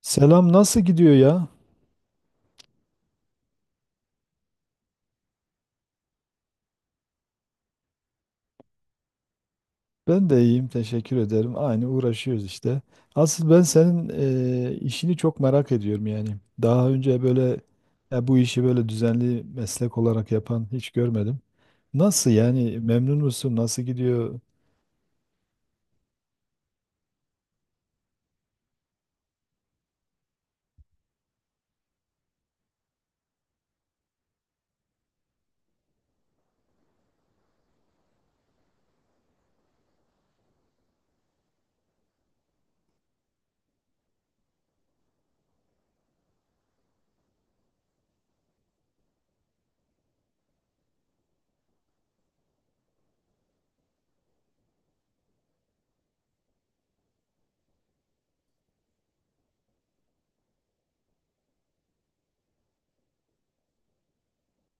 Selam, nasıl gidiyor ya? Ben de iyiyim, teşekkür ederim. Aynı, uğraşıyoruz işte. Asıl ben senin işini çok merak ediyorum yani. Daha önce böyle ya bu işi böyle düzenli meslek olarak yapan hiç görmedim. Nasıl yani, memnun musun? Nasıl gidiyor?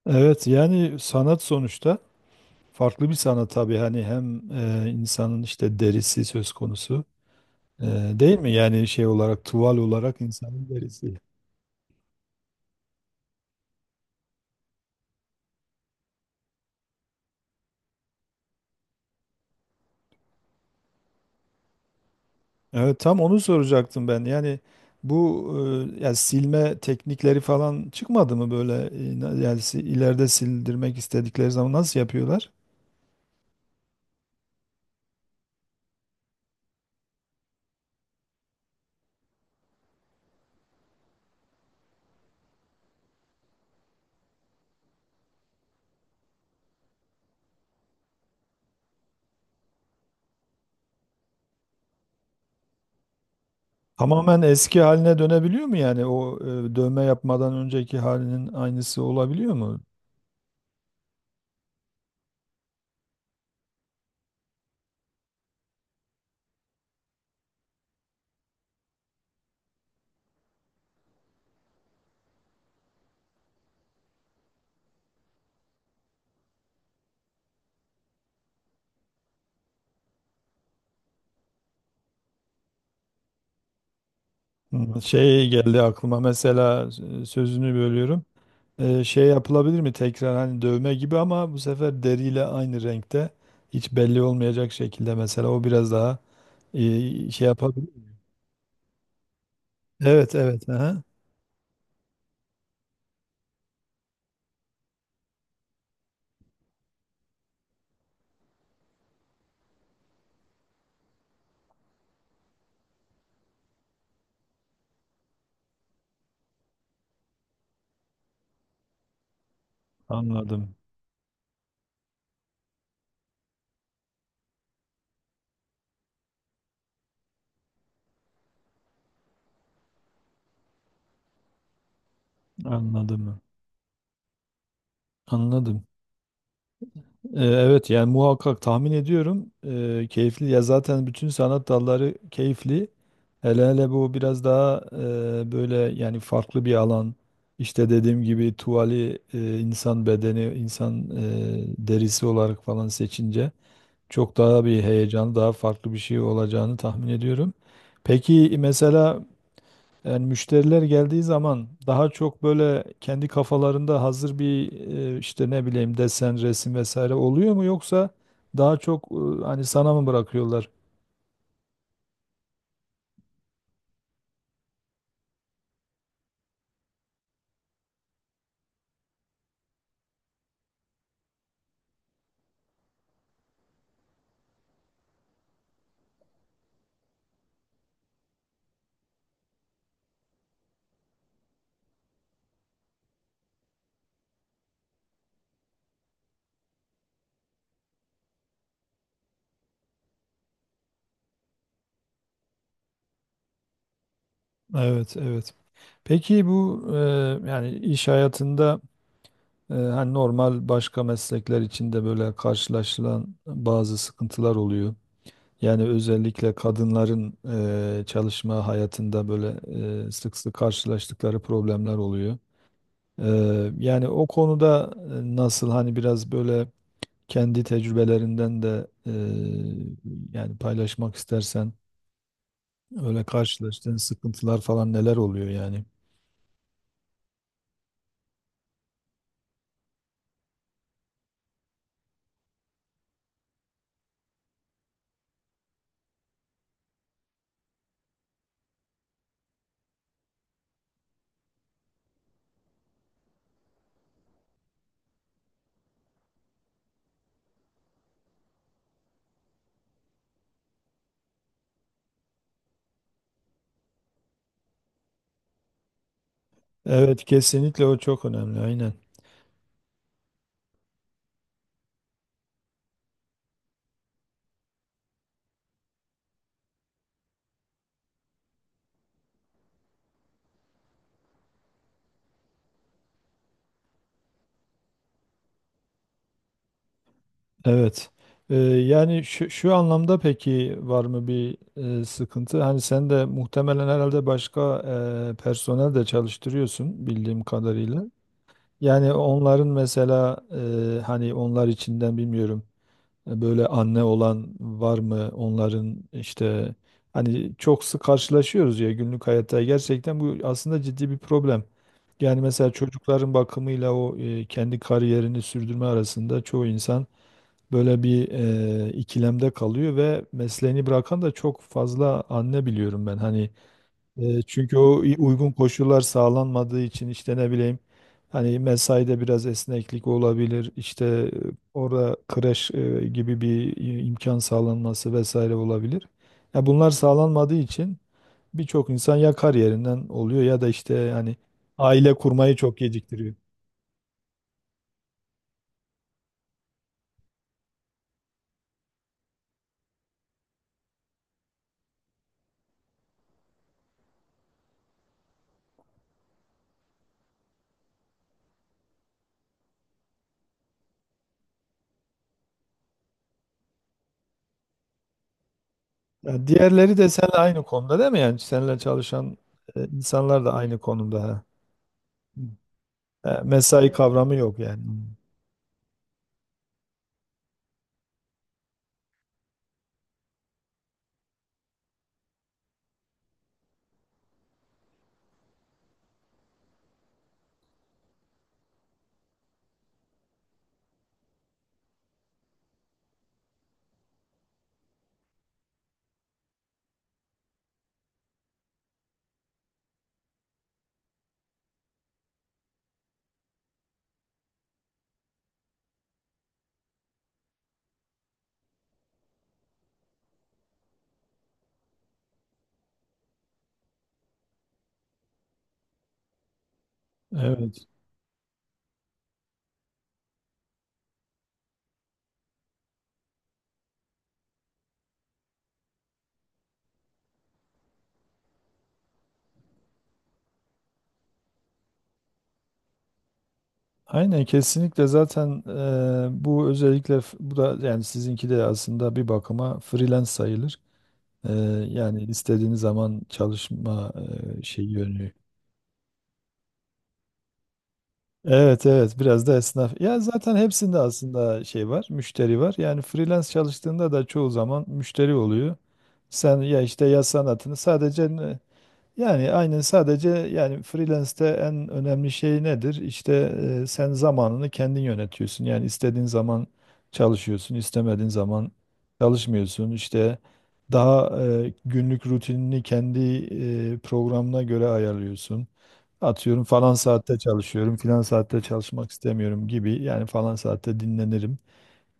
Evet, yani sanat sonuçta, farklı bir sanat tabii, hani hem insanın işte derisi söz konusu e, değil mi? Yani şey olarak, tuval olarak insanın derisi. Evet, tam onu soracaktım ben. Yani bu yani silme teknikleri falan çıkmadı mı böyle yani ileride sildirmek istedikleri zaman nasıl yapıyorlar? Tamamen eski haline dönebiliyor mu yani, o dövme yapmadan önceki halinin aynısı olabiliyor mu? Hı, şey geldi aklıma mesela, sözünü bölüyorum. Şey yapılabilir mi tekrar, hani dövme gibi ama bu sefer deriyle aynı renkte, hiç belli olmayacak şekilde, mesela o biraz daha şey yapabilir. Evet, evet, aha. Anladım. Anladım. Anladım. Evet, yani muhakkak tahmin ediyorum, keyifli ya, zaten bütün sanat dalları keyifli. Hele hele bu biraz daha böyle yani farklı bir alan. İşte dediğim gibi, tuvali insan bedeni, insan derisi olarak falan seçince, çok daha bir heyecan, daha farklı bir şey olacağını tahmin ediyorum. Peki mesela, yani müşteriler geldiği zaman daha çok böyle kendi kafalarında hazır bir işte ne bileyim desen, resim vesaire oluyor mu, yoksa daha çok hani sana mı bırakıyorlar? Evet, evet. Peki bu yani iş hayatında hani normal başka meslekler içinde böyle karşılaşılan bazı sıkıntılar oluyor. Yani özellikle kadınların çalışma hayatında böyle sık sık karşılaştıkları problemler oluyor. Yani o konuda nasıl hani biraz böyle kendi tecrübelerinden de, yani paylaşmak istersen, öyle karşılaştığın sıkıntılar falan neler oluyor yani? Evet, kesinlikle, o çok önemli, aynen. Evet. Yani şu anlamda peki var mı bir sıkıntı? Hani sen de muhtemelen herhalde başka personel de çalıştırıyorsun bildiğim kadarıyla. Yani onların mesela hani onlar içinden bilmiyorum böyle anne olan var mı, onların işte, hani çok sık karşılaşıyoruz ya günlük hayatta, gerçekten bu aslında ciddi bir problem. Yani mesela çocukların bakımıyla o kendi kariyerini sürdürme arasında çoğu insan böyle bir ikilemde kalıyor ve mesleğini bırakan da çok fazla anne biliyorum ben. Hani çünkü uygun koşullar sağlanmadığı için, işte ne bileyim, hani mesaide biraz esneklik olabilir. İşte orada kreş gibi bir imkan sağlanması vesaire olabilir. Ya bunlar sağlanmadığı için birçok insan ya kariyerinden oluyor, ya da işte yani aile kurmayı çok geciktiriyor. Ya diğerleri de seninle aynı konuda değil mi? Yani seninle çalışan insanlar da aynı konumda, ha. E, mesai kavramı yok yani. Evet. Aynen, kesinlikle. Zaten bu özellikle, bu da yani sizinki de aslında bir bakıma freelance sayılır. Eee, Yani istediğiniz zaman çalışma şey yönü. Evet, evet, biraz da esnaf. Ya zaten hepsinde aslında şey var, müşteri var. Yani freelance çalıştığında da çoğu zaman müşteri oluyor. Sen ya işte ya sanatını sadece, yani aynen, sadece yani freelance'te en önemli şey nedir? İşte sen zamanını kendin yönetiyorsun. Yani istediğin zaman çalışıyorsun, istemediğin zaman çalışmıyorsun. İşte daha günlük rutinini kendi programına göre ayarlıyorsun. Atıyorum falan saatte çalışıyorum, filan saatte çalışmak istemiyorum gibi, yani falan saatte dinlenirim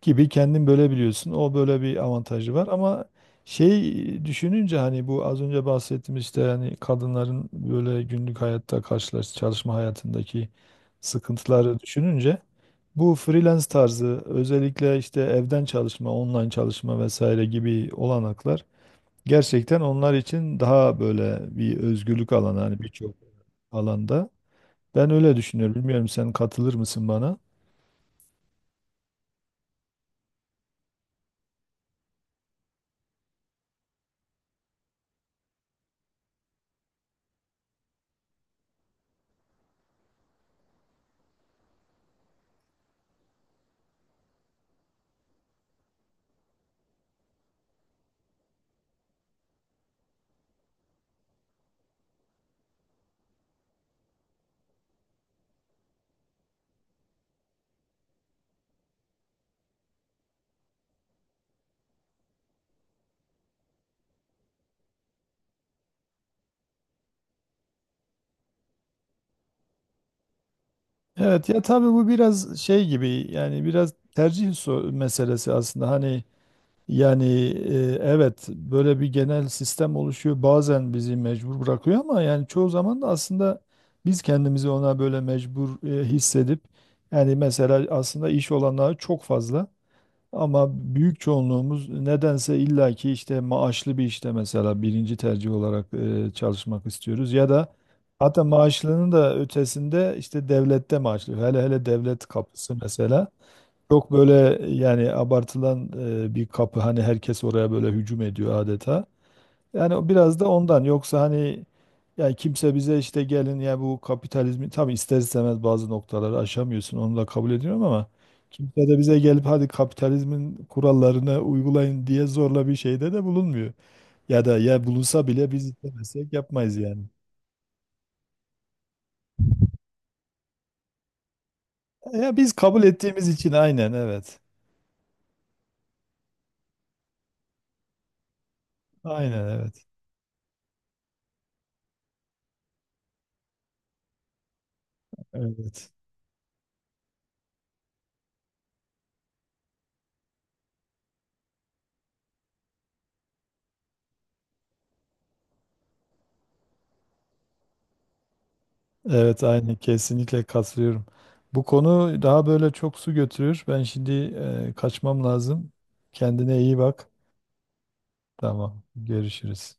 gibi kendin bölebiliyorsun. O böyle bir avantajı var ama, şey, düşününce hani bu az önce bahsettiğimiz, işte hani kadınların böyle günlük hayatta karşılaş çalışma hayatındaki sıkıntıları düşününce, bu freelance tarzı, özellikle işte evden çalışma, online çalışma vesaire gibi olanaklar gerçekten onlar için daha böyle bir özgürlük alanı, hani birçok alanda. Ben öyle düşünüyorum. Bilmiyorum, sen katılır mısın bana? Evet ya, tabii bu biraz şey gibi yani, biraz tercih meselesi aslında, hani yani evet, böyle bir genel sistem oluşuyor, bazen bizi mecbur bırakıyor ama yani çoğu zaman da aslında biz kendimizi ona böyle mecbur hissedip, yani mesela aslında iş olanağı çok fazla. Ama büyük çoğunluğumuz nedense illaki işte maaşlı bir işte, mesela birinci tercih olarak çalışmak istiyoruz ya da, hatta maaşlının da ötesinde işte devlette maaşlı. Hele hele devlet kapısı mesela çok böyle yani abartılan bir kapı, hani herkes oraya böyle hücum ediyor adeta. Yani o biraz da ondan. Yoksa hani yani kimse bize işte gelin ya, bu kapitalizmi tabii ister istemez bazı noktaları aşamıyorsun. Onu da kabul ediyorum ama kimse de bize gelip hadi kapitalizmin kurallarını uygulayın diye zorla bir şeyde de bulunmuyor. Ya da ya bulunsa bile biz istemezsek yapmayız yani. Ya biz kabul ettiğimiz için, aynen, evet. Aynen, evet. Evet. Evet, aynen, kesinlikle katılıyorum. Bu konu daha böyle çok su götürür. Ben şimdi kaçmam lazım. Kendine iyi bak. Tamam. Görüşürüz.